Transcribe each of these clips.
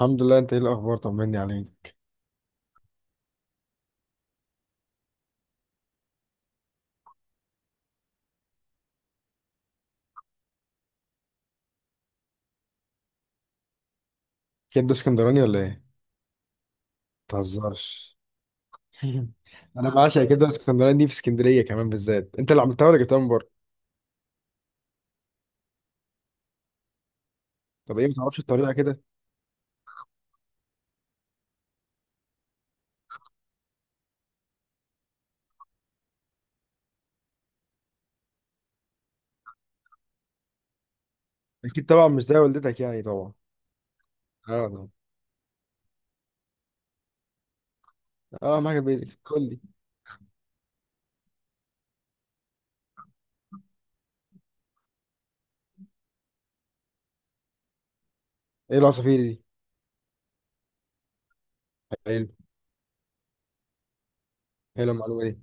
الحمد لله، انت ايه الاخبار؟ طمني عليك. كبده اسكندراني ولا ايه؟ متهزرش! انا بعشق كبده اسكندراني دي في اسكندريه كمان بالذات، انت اللي عملتها ولا جبتها من بره؟ طب ايه، ما تعرفش الطريقه كده؟ اكيد طبعا مش زي والدتك يعني، طبعا. اه طبعا. اه معاك، البيت قول لي. ايه العصافير دي؟ حلو. حلو المعلومه دي.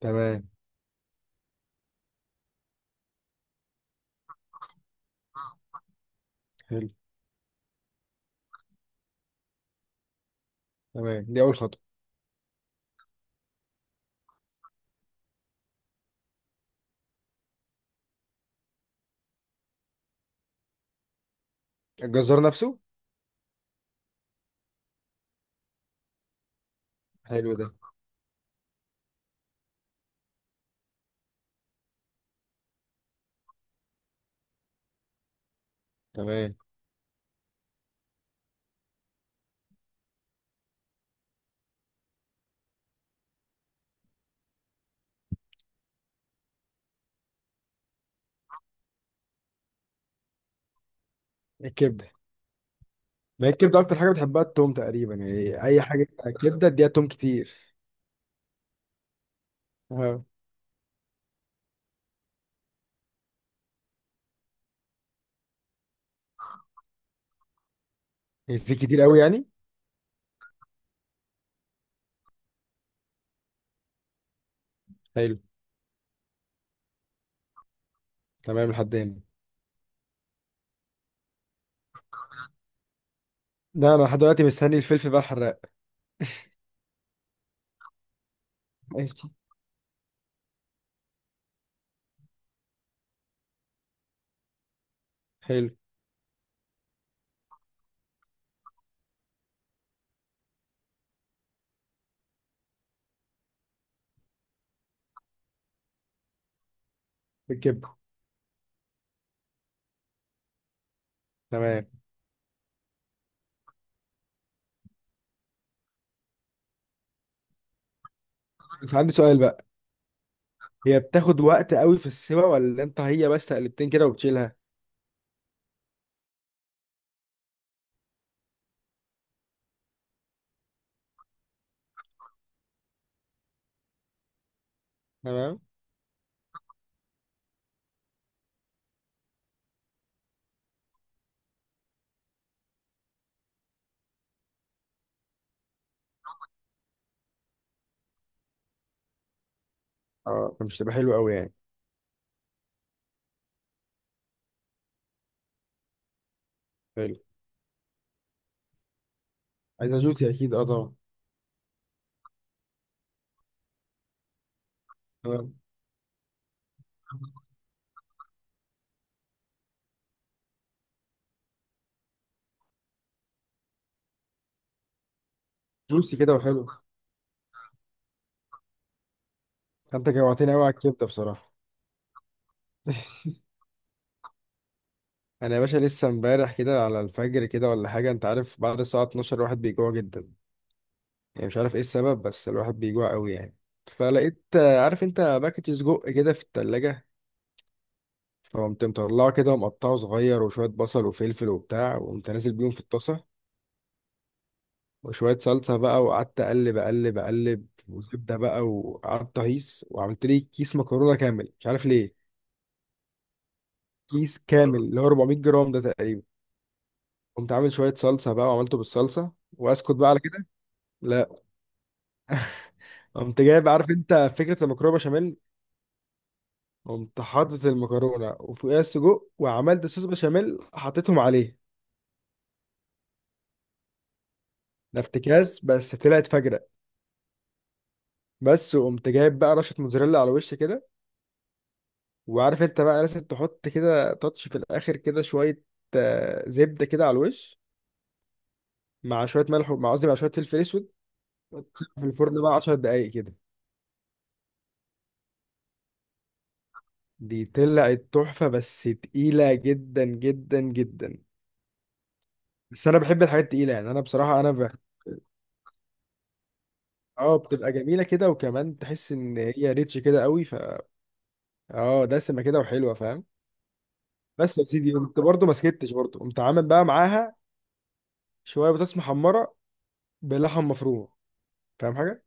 تمام. حلو. تمام، دي اول خطوه. الجزار نفسه؟ حلو ده. تمام. الكبده. ما هي الكبده اكتر حاجه بتحبها التوم تقريبا، يعني اي حاجه. كبده اديها توم كتير. اه، الزيت كتير قوي يعني؟ حلو. تمام لحد هنا. ده انا لحد دلوقتي مستني الفلفل بقى الحراق. ماشي. حلو. بالكبدة. تمام. بس عندي سؤال بقى. هي بتاخد وقت قوي في السوا، ولا انت هي بس تقلبتين كده وبتشيلها؟ تمام. اه، فمش تبقى حلو قوي يعني. حلو. عايزها جوسي اكيد، اه طبعا. تمام. جوسي كده وحلو. انت جوعتني قوي على الكبده بصراحه. انا يا باشا لسه امبارح كده على الفجر كده ولا حاجه، انت عارف بعد الساعه 12 الواحد بيجوع جدا. يعني مش عارف ايه السبب، بس الواحد بيجوع قوي يعني. فلقيت عارف انت باكت سجق كده في التلاجة. فقمت مطلعه كده ومقطعه صغير وشوية بصل وفلفل وبتاع، وقمت نازل بيهم في الطاسة. وشوية صلصة بقى، وقعدت أقلب أقلب أقلب وزبدة بقى، وقعدت أهيص وعملت لي كيس مكرونة كامل، مش عارف ليه. كيس كامل اللي هو 400 جرام ده تقريبا. قمت عامل شوية صلصة بقى وعملته بالصلصة، وأسكت بقى على كده. لا. قمت جايب، عارف أنت فكرة المكرونة بشاميل. قمت حاطط المكرونة وفوقيها السجق، وعملت صوص بشاميل حطيتهم عليه. ده افتكاس بس طلعت فجرة. بس وقمت جايب بقى رشه موتزاريلا على وش كده. وعارف انت بقى لازم تحط كده تاتش في الاخر كده شويه، زبده كده على الوش، مع شويه ملح مع قصدي مع شويه فلفل اسود. وتسيبها في الفرن بقى 10 دقايق كده. دي طلعت تحفه، بس تقيله جدا جدا جدا. بس انا بحب الحاجات التقيله يعني، انا بصراحه انا بح... اه بتبقى جميله كده، وكمان تحس ان هي ريتش كده قوي ف. اه دسمه كده وحلوه، فاهم. بس يا سيدي، قمت برضه ما سكتش، برضه قمت عامل بقى معاها شويه بطاطس محمره بلحم مفروم. فاهم حاجه؟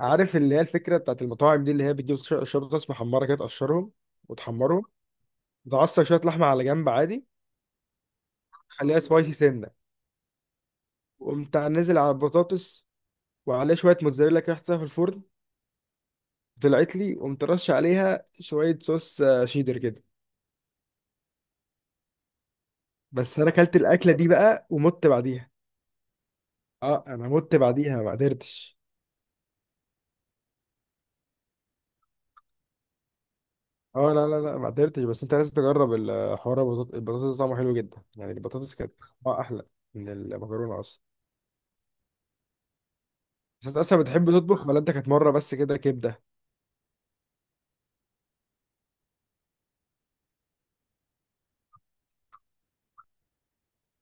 عارف اللي هي الفكره بتاعت المطاعم دي، اللي هي بتجيب شوربه محمره كده، تقشرهم وتحمرهم. تعصر شويه لحمه على جنب عادي. خليها سبايسي سنه. وقمت نازل على البطاطس، وعليه شويه موتزاريلا كده حطيتها في الفرن. طلعت لي، وقمت رش عليها شويه صوص شيدر كده. بس انا اكلت الاكله دي بقى ومت بعديها. اه انا مت بعديها، ما قدرتش. اه لا لا لا، ما قدرتش. بس انت لازم تجرب الحوار. البطاطس طعمه حلو جدا يعني، البطاطس كانت طعمها احلى من المكرونه اصلا. بس انت اصلا بتحب تطبخ، ولا انت كانت مره بس كده كبده؟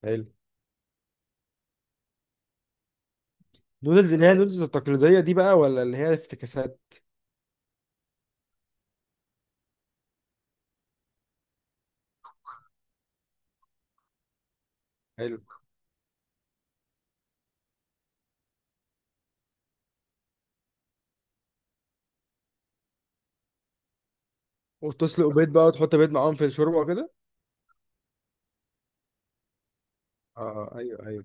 حلو. نودلز، اللي هي النودلز التقليديه دي بقى ولا اللي هي افتكاسات؟ حلو. وتسلق بيض بقى، وتحط بيض معاهم في الشوربه وكده. اه. آه، ايوه ايوه.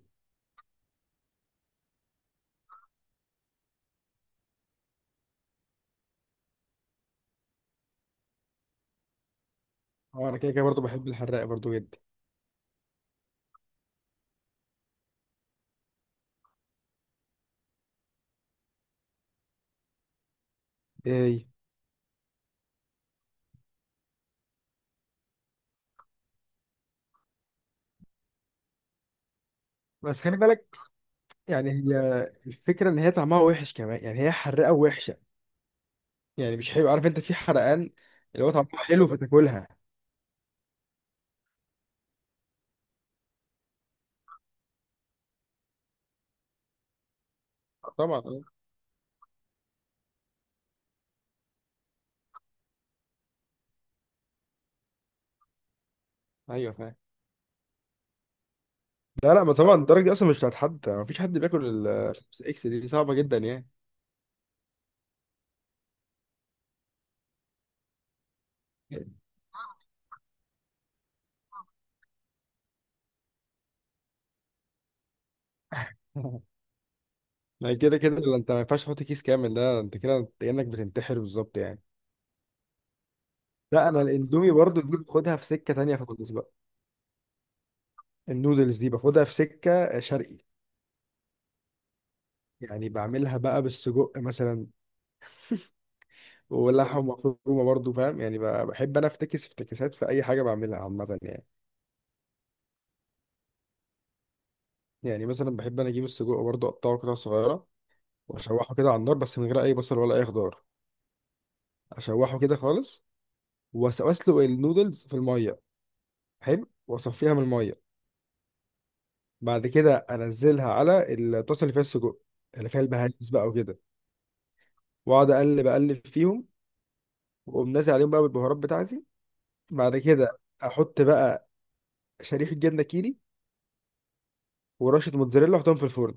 اه انا كده كده برضه بحب الحراق برضه جدا. ايه؟ بس خلي بالك. يعني هي الفكره ان هي طعمها وحش كمان، يعني هي حراقه وحشه. يعني مش حلو، عارف انت في حرقان اللي هو طعمها حلو فتاكلها. آه، طبعا آه. ايوه فاهم. لا لا، ما طبعا الدرجه دي اصلا مش بتاعت حد، مفيش حد بياكل ال خمسة اكس دي، صعبه جدا يعني. ما هي كده كده، لو انت ما ينفعش تحط كيس كامل ده، انت كده انت كانك بتنتحر بالظبط يعني. لا انا الاندومي برضو دي باخدها في سكه تانية خالص بقى. النودلز دي باخدها في سكه شرقي. يعني بعملها بقى بالسجق مثلا، ولحم مفرومه برضو، فاهم يعني؟ بحب انا افتكس افتكاسات في اي حاجه بعملها عامه يعني. يعني مثلا بحب انا اجيب السجق برضو، اقطعه قطع صغيره، واشوحه كده على النار بس من غير اي بصل ولا اي خضار. اشوحه كده خالص. واسلق النودلز في الميه. حلو، واصفيها من الميه. بعد كده انزلها على الطاسه اللي فيها السجق، اللي فيها البهارات بقى وكده. واقعد اقلب اقلب فيهم، واقوم نازل عليهم بقى بالبهارات بتاعتي. بعد كده احط بقى شريحه جبنه كيري ورشه موتزاريلا، واحطهم في الفرن.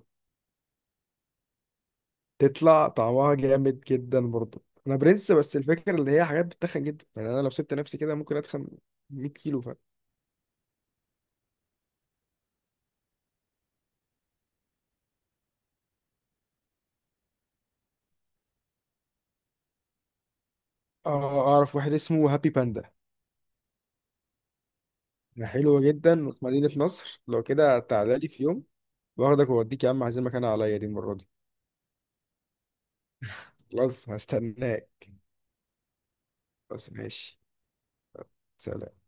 تطلع طعمها جامد جدا، برضه انا برنس. بس الفكره اللي هي حاجات بتتخن جدا يعني، انا لو سبت نفسي كده ممكن اتخن 100 كيلو ف. اه، اعرف واحد اسمه هابي باندا. ده حلو جدا وفي مدينه نصر، لو كده تعالى لي في يوم واخدك واوديك. يا عم، عايزين مكان عليا دي المره دي. خلاص هستناك. بس ماشي. سلام.